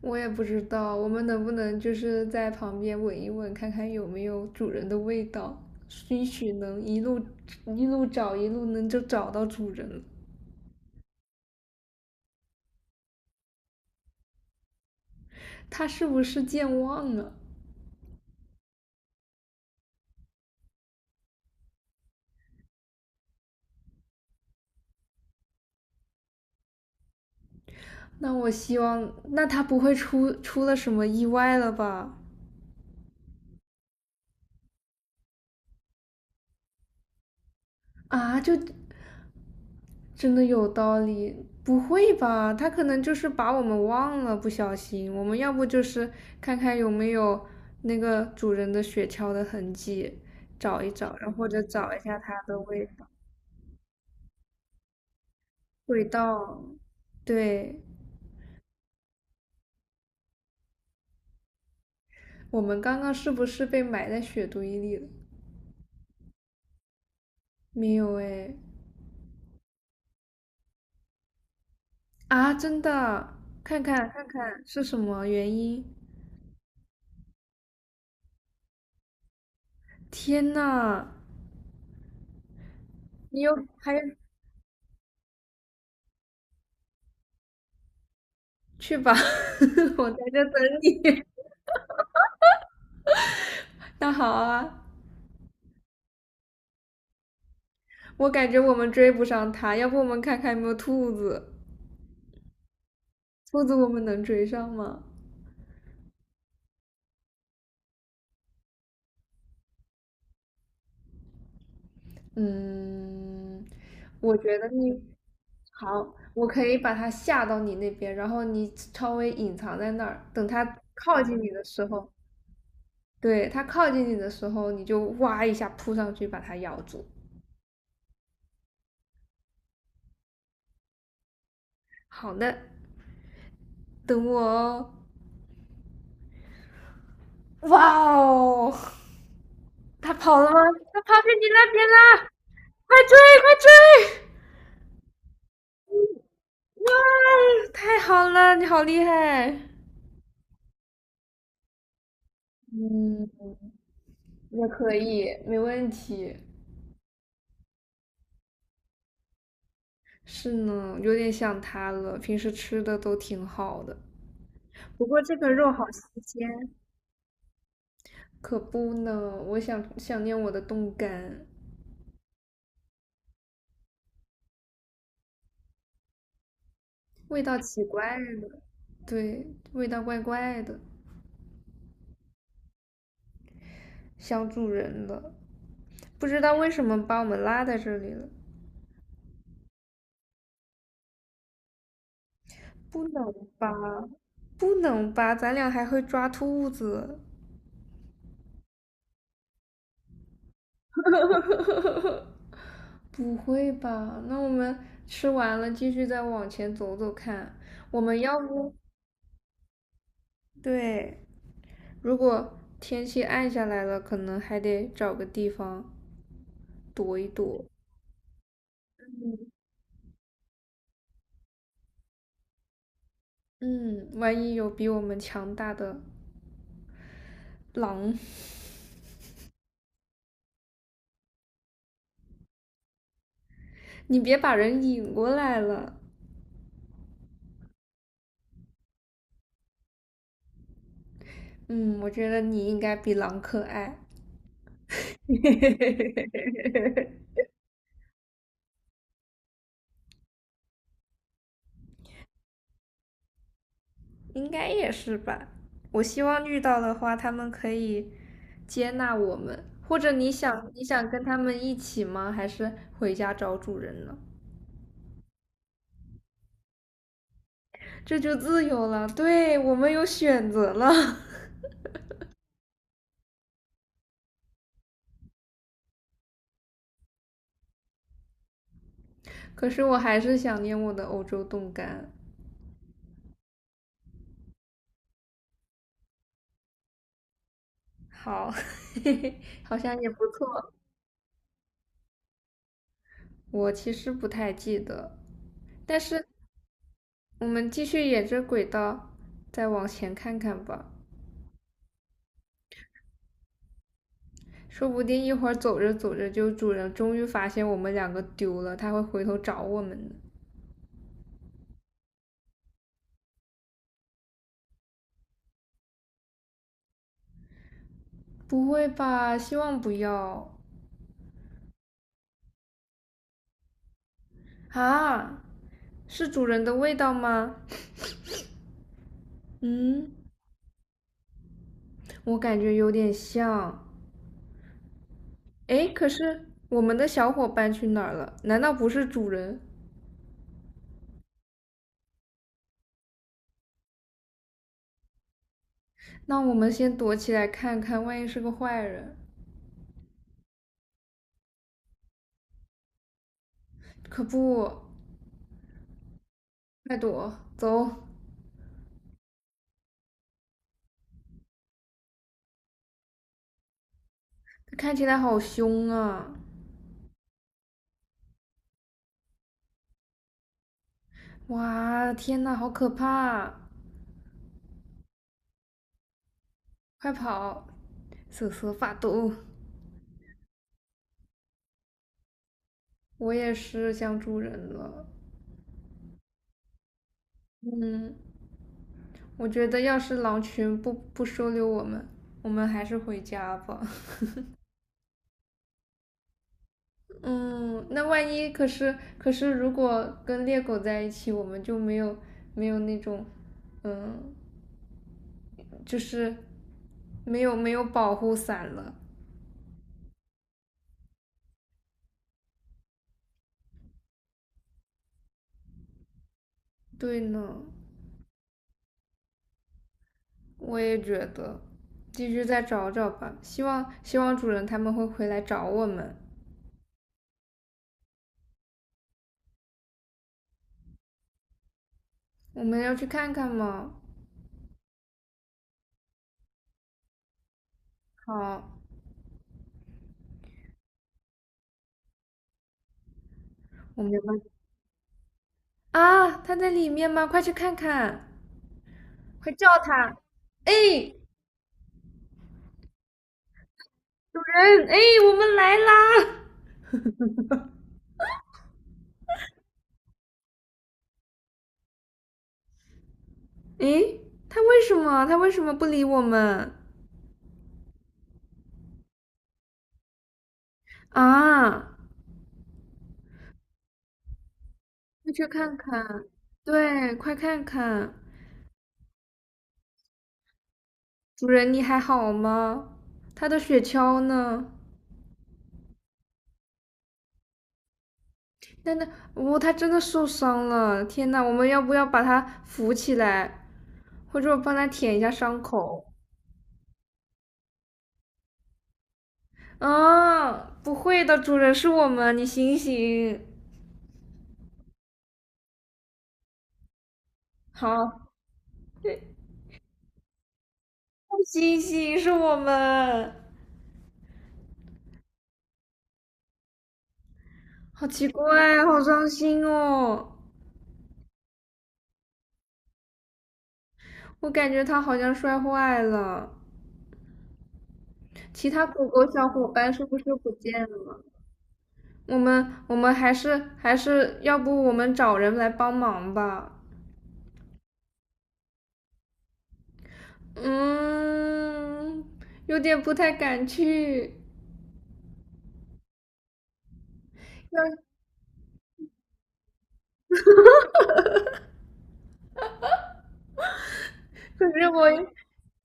我也不知道，我们能不能就是在旁边闻一闻，看看有没有主人的味道，兴许能一路一路找，一路能就找到主人了。他是不是健忘了？那我希望，那他不会出了什么意外了吧？啊，就真的有道理。不会吧？他可能就是把我们忘了，不小心。我们要不就是看看有没有那个主人的雪橇的痕迹，找一找，然后或者找一下它的味道。味道，对，我们刚刚是不是被埋在雪堆里了？没有哎。啊，真的，看看是什么原因？天呐，你有还去吧，我在这等你。那好啊。我感觉我们追不上它，要不我们看看有没有兔子？兔子我们能追上吗？嗯，我觉得你好，我可以把它吓到你那边，然后你稍微隐藏在那儿，等它靠近你的时候，对，它靠近你的时候，你就哇一下扑上去把它咬住。好的，等我哦。哇哦，它跑了吗？它跑去你那边啦！快追，快追！哇，太好了，你好厉害！嗯，也可以，没问题。是呢，有点想他了。平时吃的都挺好的，不过这个肉好新鲜。可不呢。我想念我的冻干，味道奇怪的。对，味道怪怪的。想主人了。不知道为什么把我们拉在这里了。不能吧？不能吧？咱俩还会抓兔子。不会吧？那我们吃完了，继续再往前走走看。我们要不，对，如果天气暗下来了，可能还得找个地方躲一躲。嗯，万一有比我们强大的狼。你别把人引过来了。嗯，我觉得你应该比狼可爱。应该也是吧。我希望遇到的话，他们可以接纳我们，或者你想跟他们一起吗？还是回家找主人呢？这就自由了，对，我们有选择了。可是我还是想念我的欧洲冻干。好，嘿嘿，好像也不错。我其实不太记得，但是我们继续沿着轨道再往前看看吧。说不定一会儿走着走着，就主人终于发现我们两个丢了，他会回头找我们的。不会吧？希望不要。啊！是主人的味道吗？嗯，我感觉有点像。哎，可是我们的小伙伴去哪儿了？难道不是主人？那我们先躲起来看看，万一是个坏人。可不，快躲，走！看起来好凶啊！哇，天呐，好可怕啊！快跑！瑟瑟发抖。我也是想主人了。嗯，我觉得要是狼群不收留我们，我们还是回家吧。嗯，那万一可是，如果跟猎狗在一起，我们就没有那种，嗯，就是没有保护伞了。对呢，我也觉得，继续再找找吧。希望主人他们会回来找我们。我们要去看看吗？好，我们有关啊，他在里面吗？快去看看，快叫他！哎，主人，哎，我们来啦！哎，他为什么不理我们啊？快去看看，对，快看看，主人你还好吗？他的雪橇呢？但那哦，他真的受伤了！天呐，我们要不要把他扶起来，或者我帮他舔一下伤口？啊，不会的，主人是我们，你醒醒。好，醒醒，是我们。好奇怪，好伤心哦。我感觉它好像摔坏了。其他狗狗小伙伴是不是不见了？我们我们还是要不我们找人来帮忙吧？嗯，有点不太敢去。可是我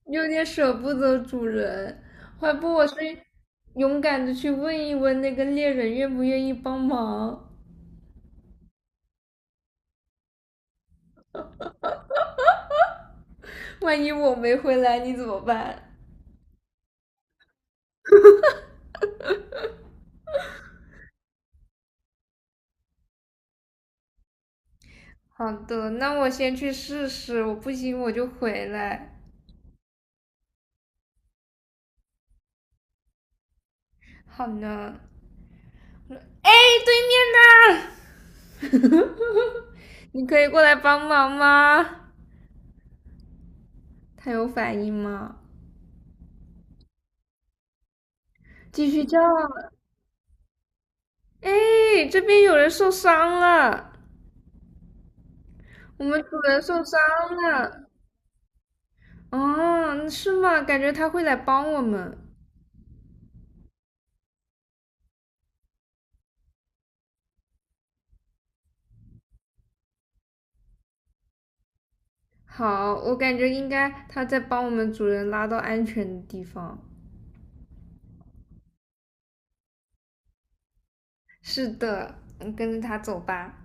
有点舍不得主人，要不我是勇敢的去问一问那个猎人愿不愿意帮忙，万一我没回来，你怎么办？好的，那我先去试试，我不行我就回来。好呢。哎，对面呢？你可以过来帮忙吗？他有反应吗？继续叫。哎，这边有人受伤了，我们主人受伤了。哦，是吗？感觉他会来帮我们。好，我感觉应该他在帮我们主人拉到安全的地方。是的，我们跟着他走吧。